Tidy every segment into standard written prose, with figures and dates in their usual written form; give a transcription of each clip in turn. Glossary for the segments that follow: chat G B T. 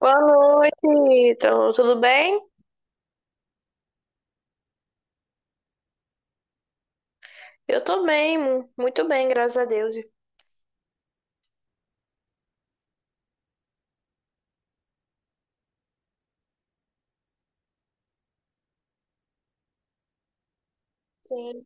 Boa noite, então, tudo bem? Eu tô bem, muito bem, graças a Deus. Sim.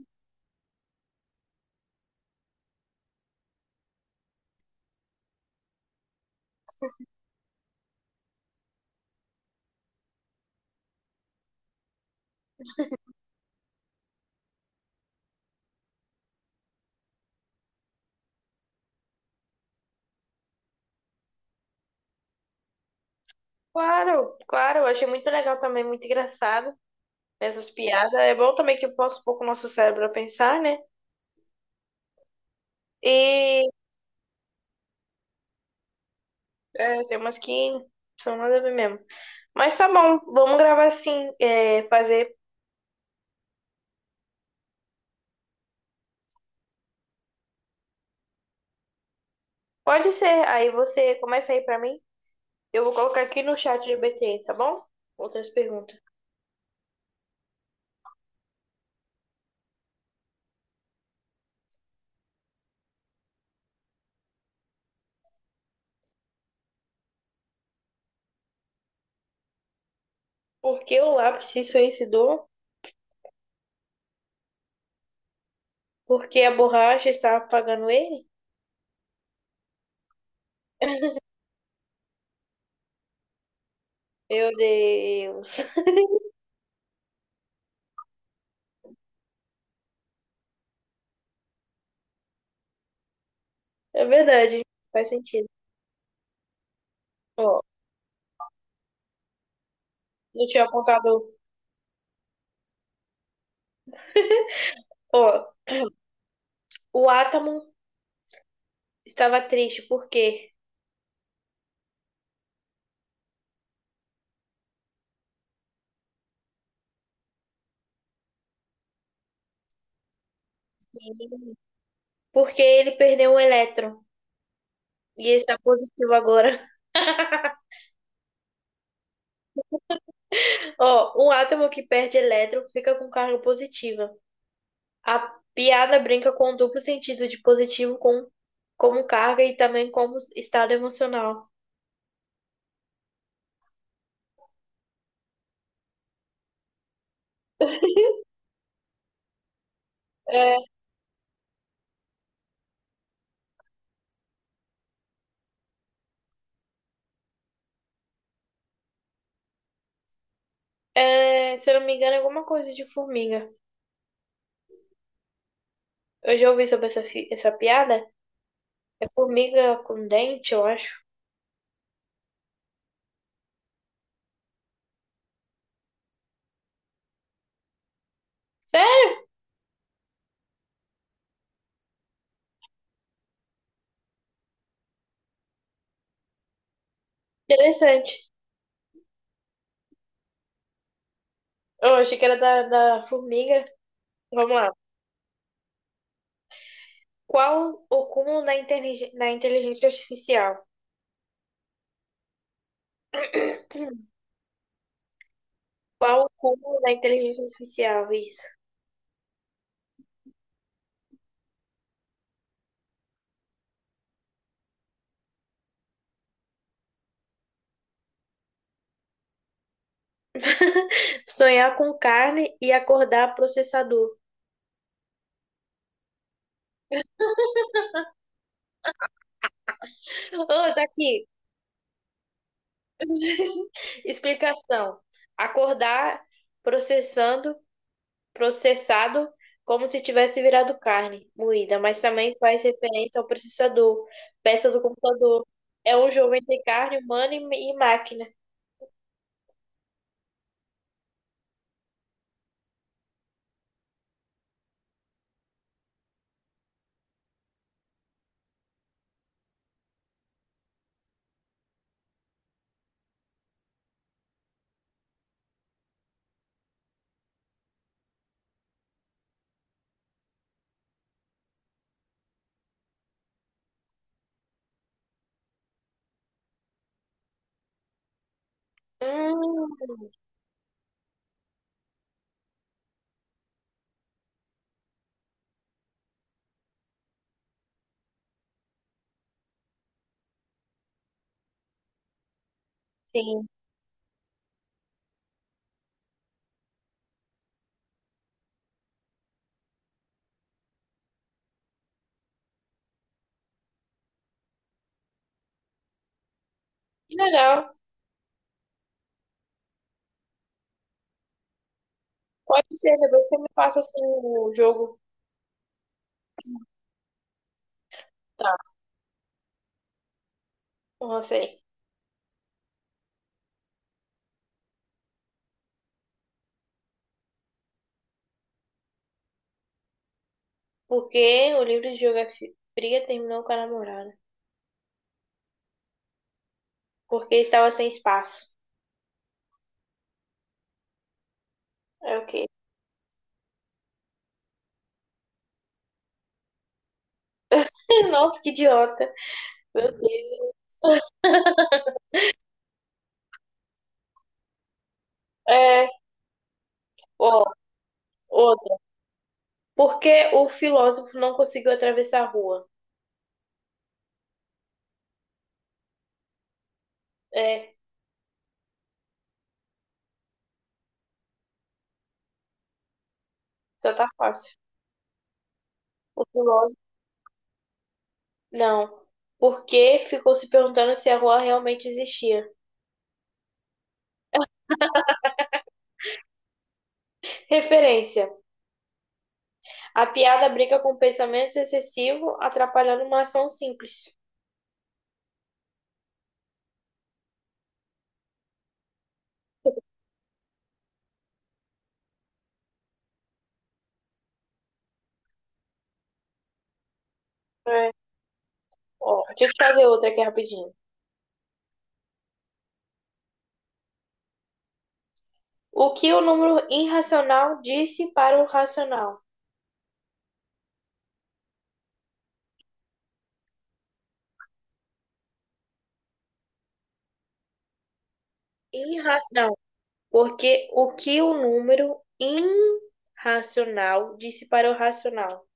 Claro, claro, eu achei muito legal também, muito engraçado essas piadas. É bom também que força um pouco o nosso cérebro a pensar, né? E é, tem umas que são nada a ver mesmo. Mas tá bom, vamos gravar assim, é, fazer. Pode ser, aí você começa aí pra mim. Eu vou colocar aqui no chat GPT, tá bom? Outras perguntas. Por que o lápis se suicidou? Por que a borracha estava apagando ele? Meu Deus. É verdade, faz sentido. Ó, não tinha apontado. Ó, o átomo estava triste, por quê? Porque ele perdeu um elétron. E ele está positivo agora. Ó, um átomo que perde elétron fica com carga positiva. A piada brinca com o duplo sentido de positivo com, como carga e também como estado emocional. É, é, se eu não me engano, é alguma coisa de formiga. Eu já ouvi sobre essa, essa piada. É formiga com dente, eu acho. É interessante. Eu achei que era da formiga. Vamos lá. Qual o cúmulo da inteligência artificial? Qual o cúmulo da inteligência artificial? Isso. Sonhar com carne e acordar processador. Ah, tá aqui. Explicação. Acordar processando processado como se tivesse virado carne moída, mas também faz referência ao processador, peça do computador. É um jogo entre carne humana e máquina. Hum, sim. Que legal. Pode ser, depois você me passa assim o jogo. Tá, não sei. Porque o livro de geografia terminou com a namorada. Porque estava sem espaço. É o quê? Nossa, que idiota. Meu Deus. É, ó, outra. Por que o filósofo não conseguiu atravessar a rua? É, já tá fácil. O filósofo, não. Porque ficou se perguntando se a rua realmente existia. Referência. A piada brinca com pensamento excessivo, atrapalhando uma ação simples. É. Ó, deixa eu fazer outra aqui rapidinho. O que o número irracional disse para o racional? Irra... Não, porque o que o número irracional disse para o racional?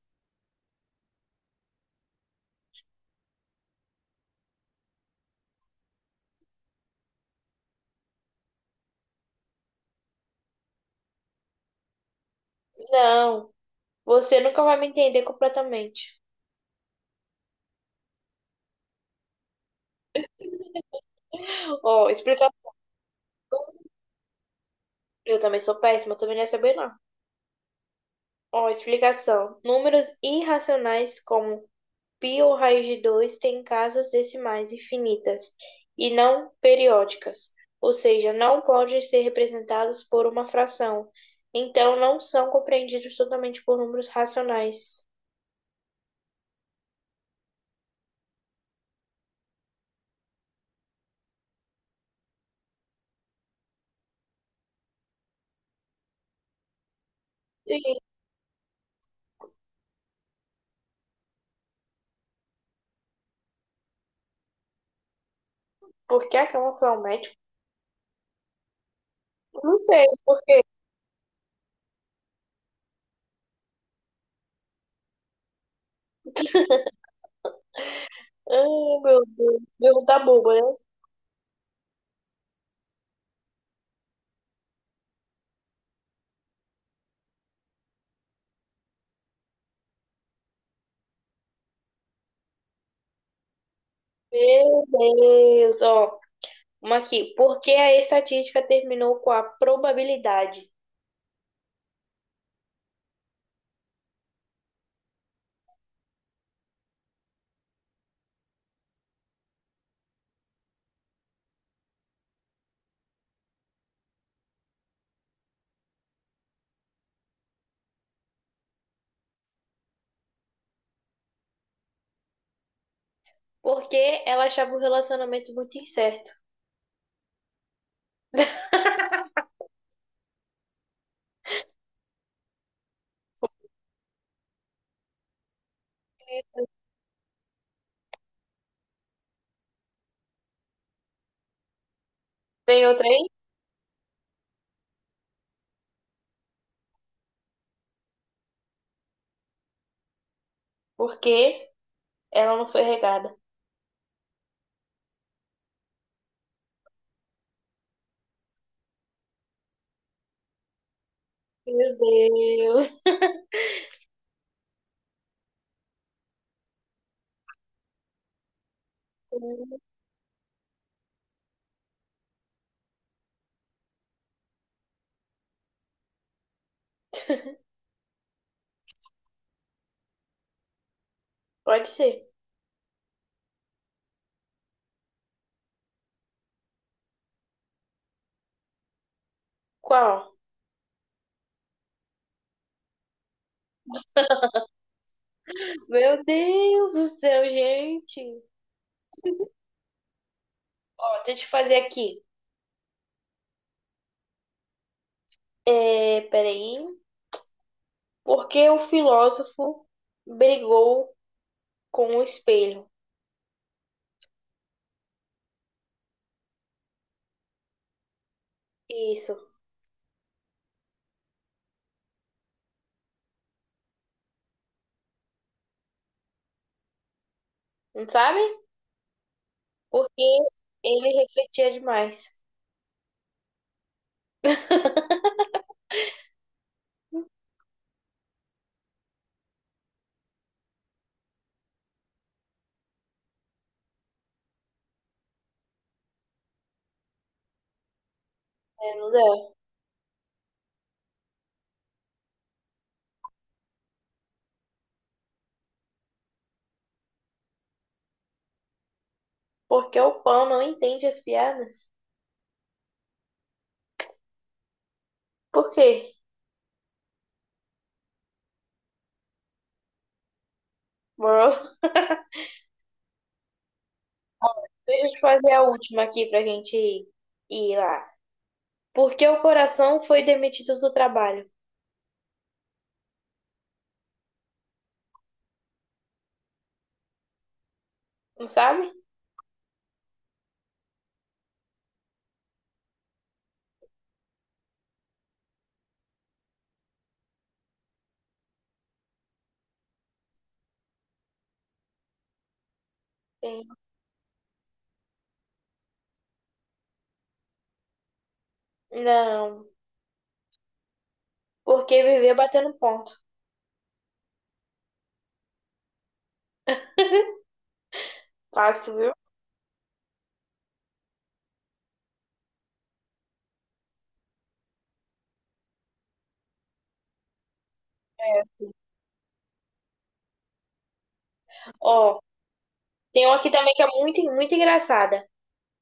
Não, você nunca vai me entender completamente. Ó, explica. Eu também sou péssima, eu também não ia saber não. Ó, explicação. Números irracionais como π ou raiz de 2 têm casas decimais infinitas e não periódicas, ou seja, não podem ser representados por uma fração. Então, não são compreendidos totalmente por números racionais. E por que a cama foi ao médico? Não sei, por quê? Ai, meu Deus. Pergunta boba, né? Meu Deus. Ó, uma aqui. Por que a estatística terminou com a probabilidade? Porque ela achava o relacionamento muito incerto. Tem outra aí? Porque ela não foi regada. Meu Deus. Pode ser. Qual? Meu Deus do céu, gente. Ó, deixa eu fazer aqui. É, peraí. Por que o filósofo brigou com o espelho? Isso. Não sabe? Porque ele refletia demais. É, não dá. Porque o pão não entende as piadas. Por quê? Moroso? Deixa eu te fazer a última aqui pra gente ir, ir lá. Por que o coração foi demitido do trabalho? Não sabe? Sim. Não. Porque viver batendo ponto. Fácil, viu? Essa. Ó, tem uma aqui também que é muito, muito engraçada.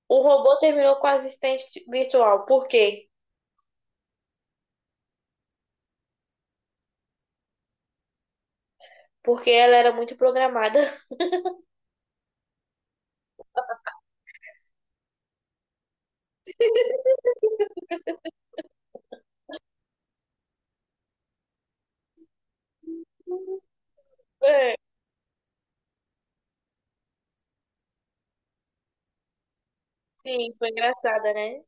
O robô terminou com a assistente virtual. Por quê? Porque ela era muito programada. É, sim, foi engraçada, né?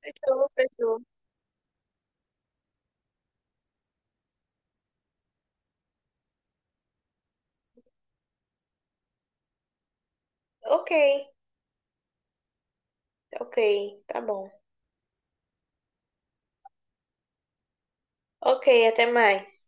Fechou, fechou. Ok. Ok, tá bom. Ok, até mais.